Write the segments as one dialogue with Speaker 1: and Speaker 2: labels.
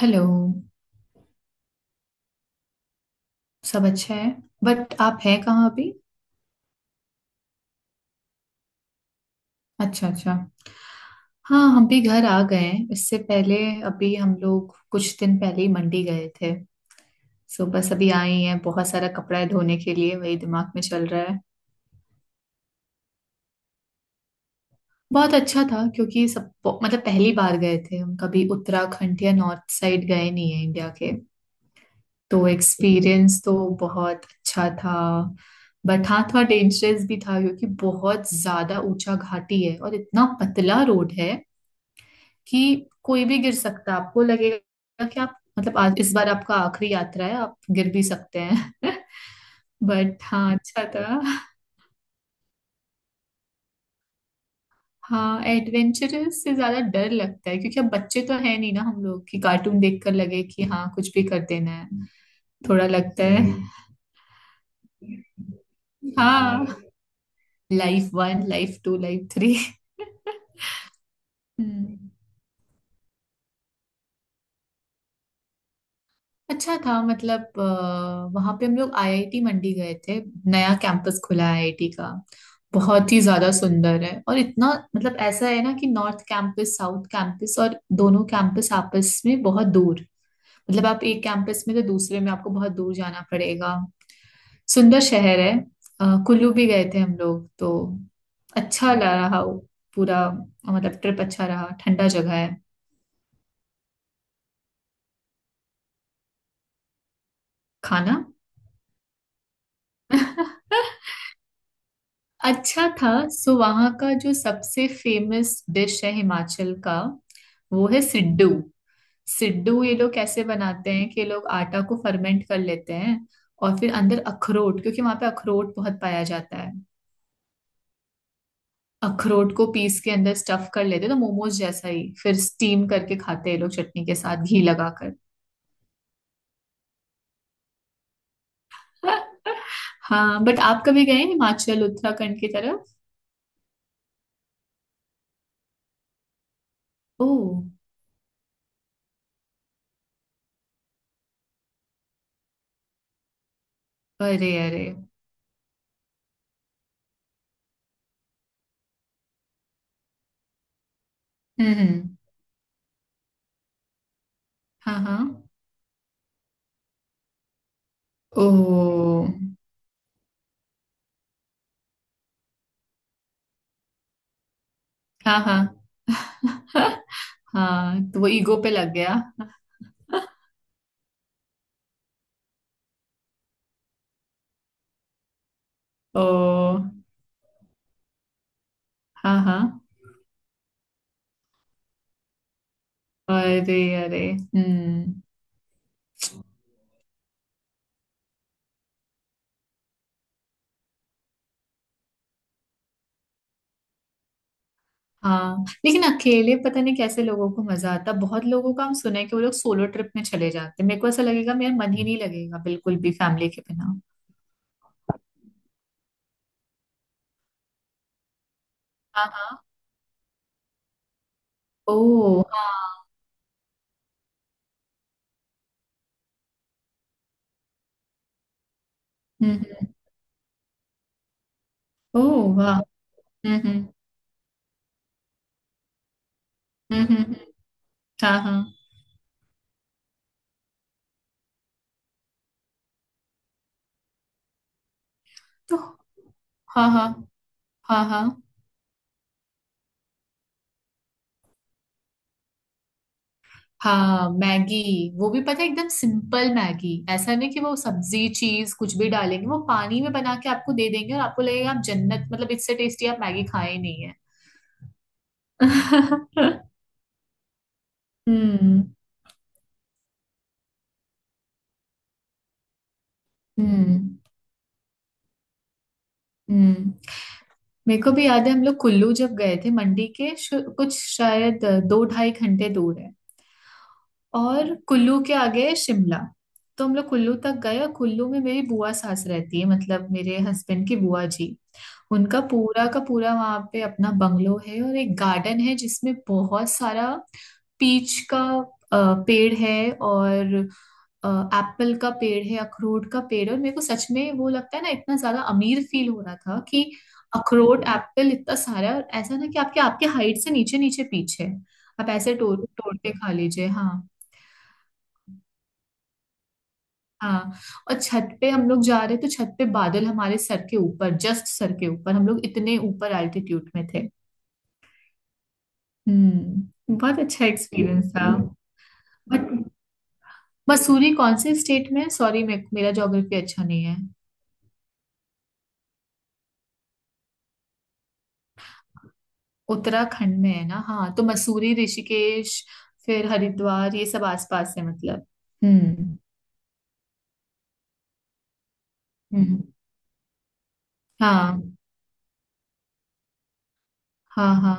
Speaker 1: Hello. सब अच्छा है। बट आप है कहाँ अभी? अच्छा अच्छा। हाँ हम भी घर आ गए हैं इससे पहले। अभी हम लोग कुछ दिन पहले ही मंडी गए थे। सो बस अभी आए ही हैं, बहुत सारा कपड़ा है धोने के लिए, वही दिमाग में चल रहा है। बहुत अच्छा था क्योंकि सब मतलब पहली बार गए थे हम, कभी उत्तराखंड या नॉर्थ साइड गए नहीं है इंडिया के। तो एक्सपीरियंस तो बहुत अच्छा था। बट हाँ, थोड़ा डेंजरस भी था क्योंकि बहुत ज्यादा ऊंचा घाटी है और इतना पतला रोड है कि कोई भी गिर सकता है। आपको लगेगा कि आप मतलब आज इस बार आपका आखिरी यात्रा है, आप गिर भी सकते हैं। बट हाँ, अच्छा था। हाँ, एडवेंचरस से ज्यादा डर लगता है क्योंकि अब बच्चे तो है नहीं ना हम लोग, कि कार्टून देखकर लगे कि हाँ कुछ भी कर देना है। थोड़ा लगता है। हाँ। Life one, life two, life three. Hmm. अच्छा था मतलब वहां पे हम लोग आईआईटी मंडी गए थे। नया कैंपस खुला है आईआईटी का। बहुत ही ज्यादा सुंदर है, और इतना मतलब ऐसा है ना कि नॉर्थ कैंपस, साउथ कैंपस, और दोनों कैंपस आपस में बहुत दूर। मतलब आप एक कैंपस में तो दूसरे में आपको बहुत दूर जाना पड़ेगा। सुंदर शहर है। कुल्लू भी गए थे हम लोग तो। अच्छा लगा रहा वो, पूरा मतलब ट्रिप अच्छा रहा, ठंडा जगह है। खाना। अच्छा था। सो वहां का जो सबसे फेमस डिश है हिमाचल का, वो है सिड्डू। सिड्डू ये लोग कैसे बनाते हैं कि ये लोग आटा को फर्मेंट कर लेते हैं, और फिर अंदर अखरोट, क्योंकि वहां पे अखरोट बहुत पाया जाता है। अखरोट को पीस के अंदर स्टफ कर लेते हैं, तो मोमोज जैसा ही फिर स्टीम करके खाते हैं ये लोग चटनी के साथ घी लगाकर। हाँ, बट आप कभी गए हैं हिमाचल उत्तराखंड की तरफ? ओ। अरे अरे। हम्म। हम्म। हाँ हाँ। ओ। हाँ हाँ। हाँ तो वो ईगो पे लग गया। ओ। हाँ हाँ। अरे अरे। हम्म। हाँ लेकिन अकेले पता नहीं कैसे लोगों को मजा आता, बहुत लोगों का हम सुने हैं कि वो लोग सोलो ट्रिप में चले जाते हैं। मेरे को ऐसा लगेगा मेरा मन ही नहीं लगेगा बिल्कुल भी फैमिली के बिना। हाँ हाँ। ओ। हाँ। हम्म। ओ वाह। हम्म। हम्म। हाँ हाँ। तो। हाँ हाँ। हाँ हाँ। हाँ। मैगी। वो भी पता है, एकदम सिंपल मैगी, ऐसा नहीं कि वो सब्जी चीज कुछ भी डालेंगे। वो पानी में बना के आपको दे देंगे, और आपको लगेगा आप जन्नत, मतलब इससे टेस्टी आप मैगी खाए ही नहीं है। हम्म। हम्म हम्म। मेरे को भी याद है, हम लोग कुल्लू जब गए थे, मंडी के कुछ शायद 2-2.5 घंटे दूर है। और कुल्लू के आगे है शिमला। तो हम लोग कुल्लू तक गए, और कुल्लू में मेरी बुआ सास रहती है, मतलब मेरे हस्बैंड की बुआ जी। उनका पूरा का पूरा वहां पे अपना बंगलो है, और एक गार्डन है जिसमें बहुत सारा पीच का अ, पेड़ है। और एप्पल का पेड़ है, अखरोट का पेड़ है, और मेरे को सच में वो लगता है ना, इतना ज्यादा अमीर फील हो रहा था कि अखरोट, एप्पल इतना सारा है। और ऐसा ना कि आपके आपके हाइट से नीचे नीचे पीच है, आप ऐसे तोड़ तोड़ के खा लीजिए। हाँ। हाँ और छत पे हम लोग जा रहे तो छत पे बादल हमारे सर के ऊपर, जस्ट सर के ऊपर, हम लोग इतने ऊपर एल्टीट्यूड में थे। हम्म, बहुत अच्छा एक्सपीरियंस था। बट मसूरी कौन से स्टेट में है? सॉरी मेरा ज्योग्राफी अच्छा नहीं है। उत्तराखंड में है ना। हाँ तो मसूरी, ऋषिकेश, फिर हरिद्वार ये सब आसपास है मतलब। हम्म। हम्म। हाँ हाँ हाँ।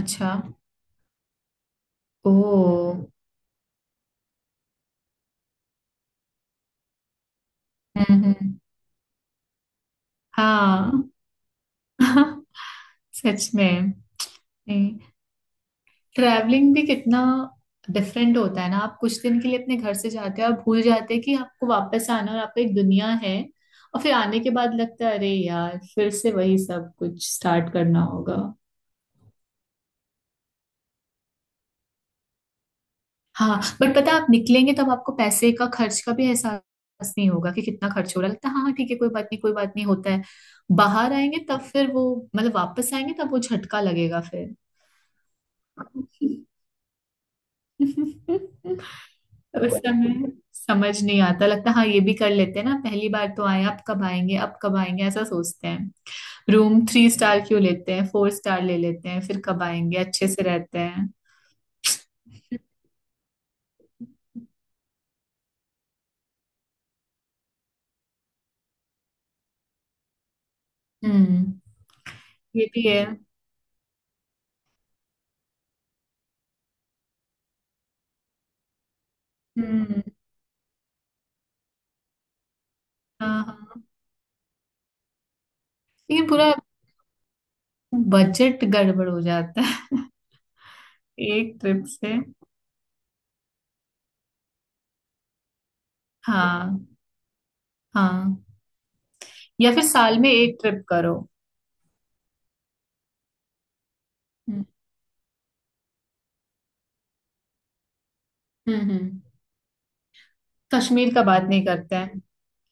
Speaker 1: अच्छा। ओ। हम्म। हाँ। सच में। नहीं। ट्रैवलिंग भी कितना डिफरेंट होता है ना। आप कुछ दिन के लिए अपने घर से जाते हो और भूल जाते हैं कि आपको वापस आना है, और आपको एक दुनिया है। और फिर आने के बाद लगता है अरे यार फिर से वही सब कुछ स्टार्ट करना होगा। हाँ बट पता है, आप निकलेंगे तब आपको पैसे का खर्च का भी एहसास नहीं होगा कि कितना खर्च हो रहा है। लगता है हाँ हाँ, ठीक है, कोई बात नहीं, कोई बात नहीं होता है। बाहर आएंगे तब फिर वो मतलब वापस आएंगे तब वो झटका लगेगा। फिर। तो उस समय समझ नहीं आता, लगता हाँ ये भी कर लेते हैं ना, पहली बार तो आए, अब कब आएंगे, अब कब आएंगे ऐसा सोचते हैं। रूम 3 स्टार क्यों लेते हैं, 4 स्टार ले लेते हैं फिर, कब आएंगे, अच्छे से रहते हैं। हम्म। ये भी है। हम्म। हाँ हाँ। लेकिन पूरा बजट गड़बड़ हो जाता है। एक ट्रिप से। हाँ हाँ। या फिर साल में एक ट्रिप करो। हम्म। हम्म। हम्म। कश्मीर का बात नहीं करते हैं,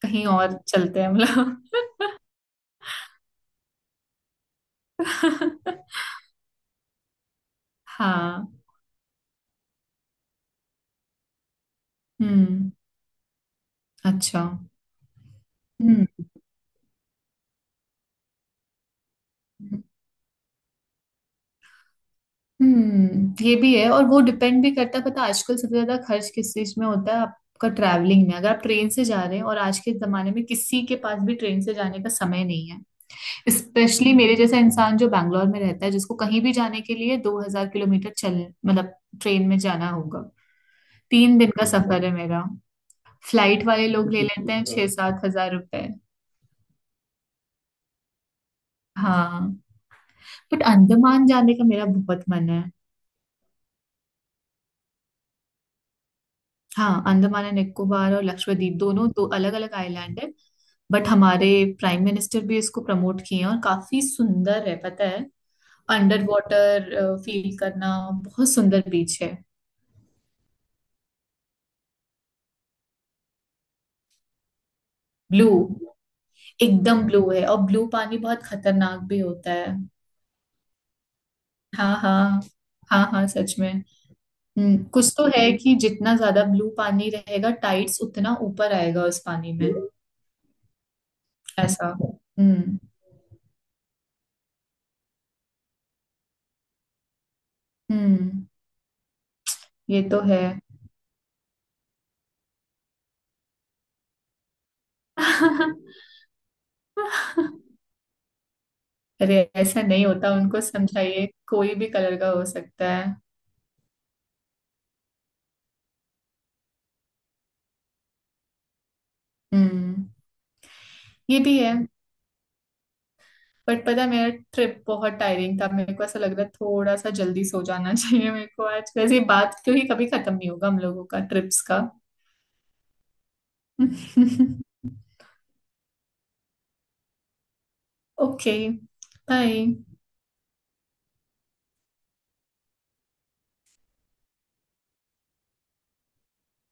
Speaker 1: कहीं और चलते हैं मतलब। हाँ। हम्म। अच्छा। हम्म हम्म। ये भी है, और वो डिपेंड भी करता है। पता है आजकल सबसे ज्यादा खर्च किस चीज में होता है आपका? ट्रैवलिंग में, अगर आप ट्रेन से जा रहे हैं, और आज के जमाने में किसी के पास भी ट्रेन से जाने का समय नहीं है। स्पेशली मेरे जैसा इंसान जो बैंगलोर में रहता है, जिसको कहीं भी जाने के लिए 2000 किलोमीटर चल मतलब ट्रेन में जाना होगा। 3 दिन का सफर है मेरा। फ्लाइट वाले लोग ले लेते हैं 6-7 हज़ार रुपए। हाँ बट अंडमान जाने का मेरा बहुत मन है। हाँ अंडमान एंड निकोबार और लक्षद्वीप दोनों दो अलग अलग आइलैंड है। बट हमारे प्राइम मिनिस्टर भी इसको प्रमोट किए हैं, और काफी सुंदर है पता है। अंडर वाटर फील करना, बहुत सुंदर बीच है। ब्लू। एकदम ब्लू है, और ब्लू पानी बहुत खतरनाक भी होता है। हाँ हाँ। हाँ हाँ सच में। कुछ तो है कि जितना ज्यादा ब्लू पानी रहेगा, टाइड्स उतना ऊपर आएगा उस पानी में। ऐसा। हम्म। हम्म। ये तो है। अरे ऐसा नहीं होता, उनको समझाइए कोई भी कलर का हो सकता है। हम्म। ये भी है। बट पता है, मेरा ट्रिप बहुत टायरिंग था, मेरे को ऐसा लग रहा है थोड़ा सा जल्दी सो जाना चाहिए मेरे को आज। वैसे ये बात क्योंकि कभी खत्म नहीं होगा हम लोगों का ट्रिप्स का। ओके। बाय।